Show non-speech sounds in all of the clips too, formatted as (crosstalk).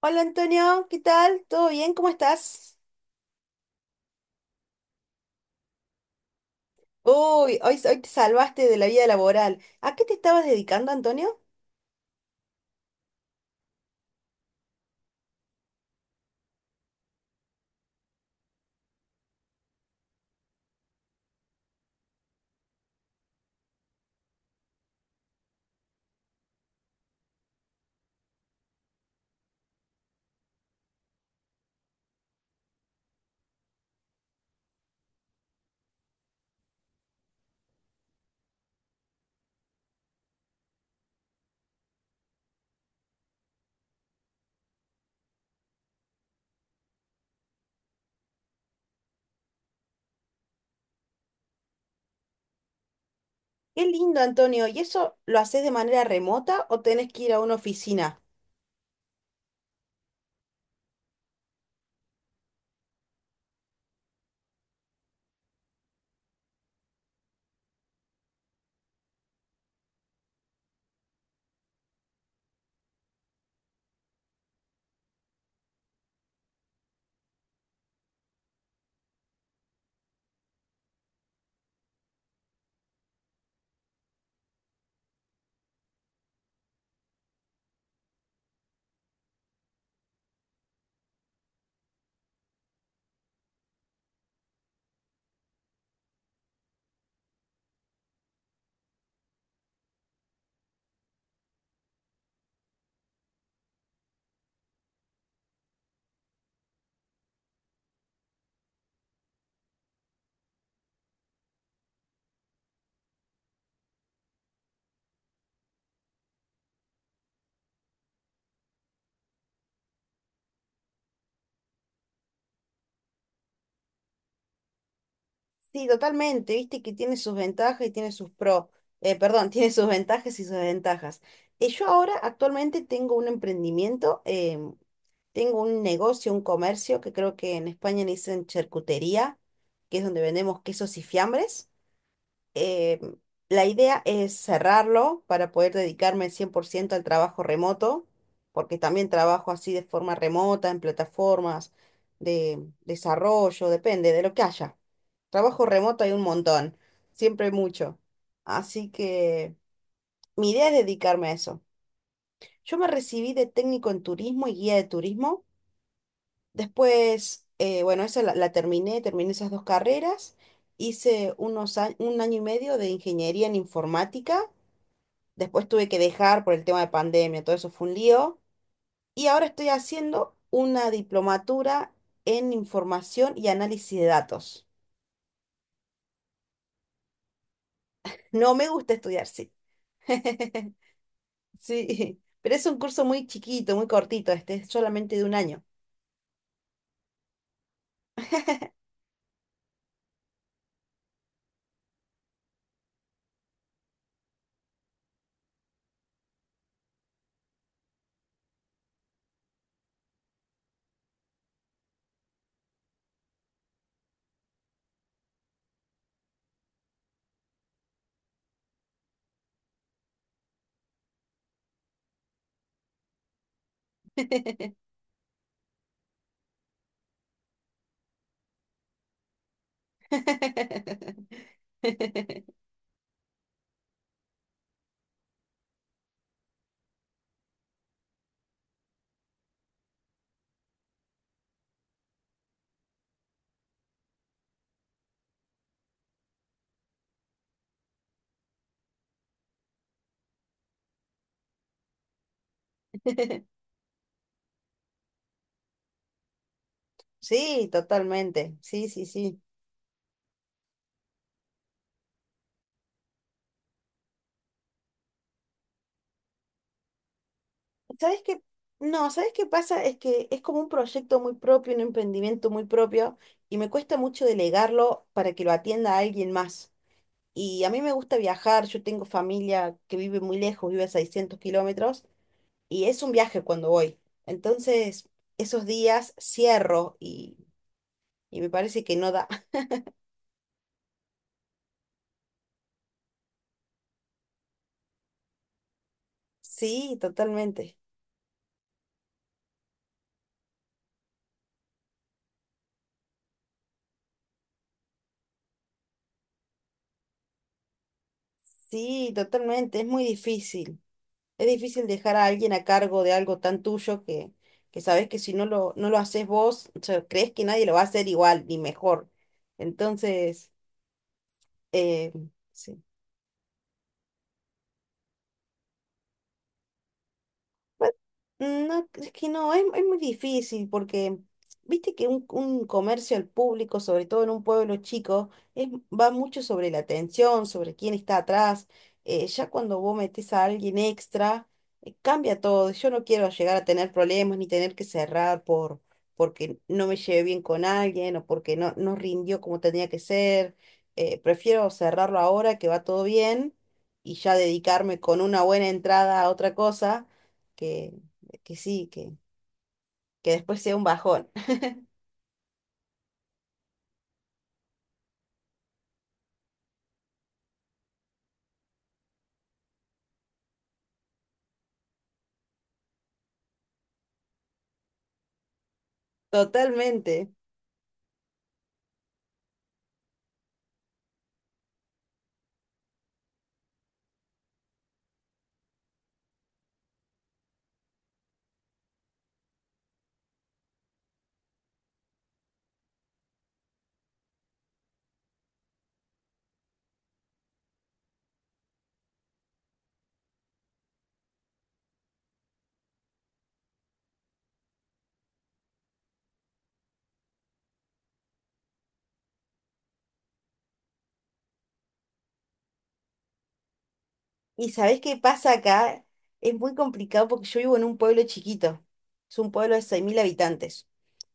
Hola Antonio, ¿qué tal? ¿Todo bien? ¿Cómo estás? Uy, hoy te salvaste de la vida laboral. ¿A qué te estabas dedicando, Antonio? Qué lindo, Antonio. ¿Y eso lo haces de manera remota o tenés que ir a una oficina? Sí, totalmente. Viste que tiene sus ventajas y tiene sus pros. Perdón, (laughs) tiene sus ventajas y sus ventajas. Yo ahora actualmente tengo un emprendimiento, tengo un negocio, un comercio que creo que en España le dicen charcutería, que es donde vendemos quesos y fiambres. eh, la idea es cerrarlo para poder dedicarme al 100% al trabajo remoto, porque también trabajo así de forma remota, en plataformas de desarrollo, depende de lo que haya. Trabajo remoto hay un montón, siempre hay mucho. Así que mi idea es dedicarme a eso. Yo me recibí de técnico en turismo y guía de turismo. Después, bueno, esa la, la terminé, terminé esas dos carreras. Hice un año y medio de ingeniería en informática. Después tuve que dejar por el tema de pandemia, todo eso fue un lío. Y ahora estoy haciendo una diplomatura en información y análisis de datos. No me gusta estudiar, sí. (laughs) Sí, pero es un curso muy chiquito, muy cortito, este es solamente de un año. (laughs) (laughs) Sí, totalmente. Sí, sí, sí. ¿Sabes qué? No, ¿sabes qué pasa? Es que es como un proyecto muy propio, un emprendimiento muy propio, y me cuesta mucho delegarlo para que lo atienda a alguien más. Y a mí me gusta viajar, yo tengo familia que vive muy lejos, vive a 600 kilómetros, y es un viaje cuando voy. Entonces, esos días cierro y me parece que no da. (laughs) Sí, totalmente. Sí, totalmente, es muy difícil. Es difícil dejar a alguien a cargo de algo tan tuyo que sabes que si no lo haces vos, o sea, crees que nadie lo va a hacer igual ni mejor. Entonces, eh, sí. Bueno, no, es que no, es muy difícil porque viste que un comercio al público, sobre todo en un pueblo chico, va mucho sobre la atención, sobre quién está atrás. Ya cuando vos metés a alguien extra, cambia todo. Yo no quiero llegar a tener problemas ni tener que cerrar porque no me llevé bien con alguien o porque no rindió como tenía que ser. Prefiero cerrarlo ahora que va todo bien y ya dedicarme con una buena entrada a otra cosa que, que sí, que después sea un bajón. (laughs) Totalmente. ¿Y sabés qué pasa acá? Es muy complicado porque yo vivo en un pueblo chiquito. Es un pueblo de 6.000 habitantes.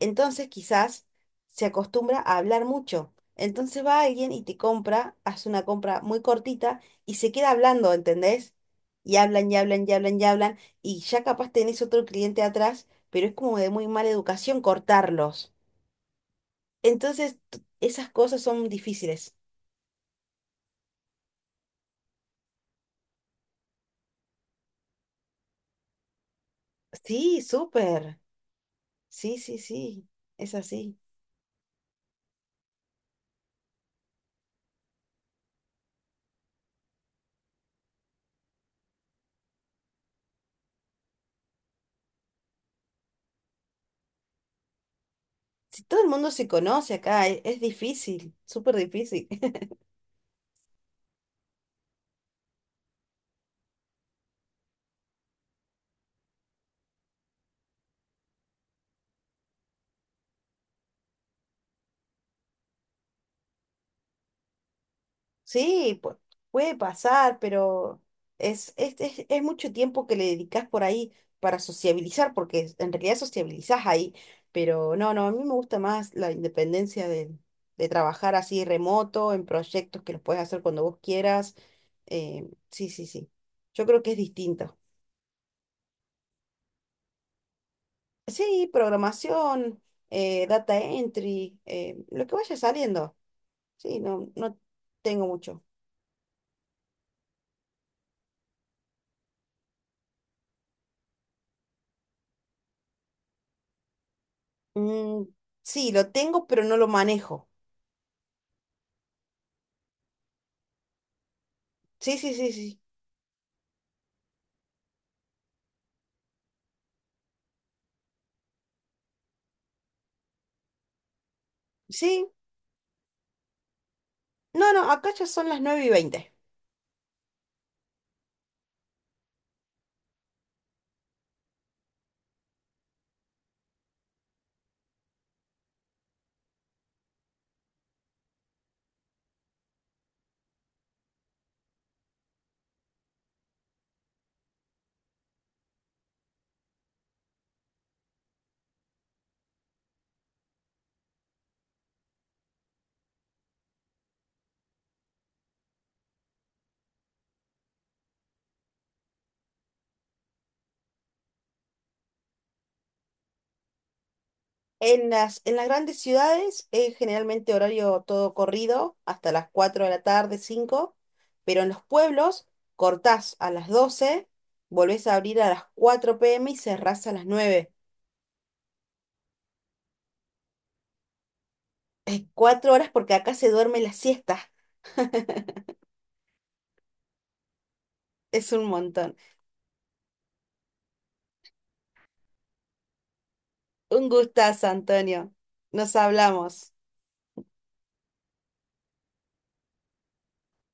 Entonces quizás se acostumbra a hablar mucho. Entonces va alguien y te compra, hace una compra muy cortita y se queda hablando, ¿entendés? Y hablan y hablan y hablan y hablan. Y ya capaz tenés otro cliente atrás, pero es como de muy mala educación cortarlos. Entonces esas cosas son difíciles. Sí, súper. Sí, sí, sí. Es así. Si todo el mundo se conoce acá, es difícil, súper difícil. (laughs) Sí, puede pasar, pero es mucho tiempo que le dedicas por ahí para sociabilizar, porque en realidad sociabilizás ahí. Pero no, no, a mí me gusta más la independencia de trabajar así remoto, en proyectos que los puedes hacer cuando vos quieras. Sí, sí, sí. Yo creo que es distinta. Sí, programación, data entry, lo que vaya saliendo. Sí, no, no tengo mucho. Mm, sí, lo tengo, pero no lo manejo. Sí, sí, sí, sí. Sí, no, no, acá ya son las 9:20. En las grandes ciudades es generalmente horario todo corrido, hasta las 4 de la tarde, 5. Pero en los pueblos cortás a las 12, volvés a abrir a las 4 p.m. y cerrás a las 9. 4 horas porque acá se duerme la siesta. Es un montón. Un gustazo, Antonio. Nos hablamos.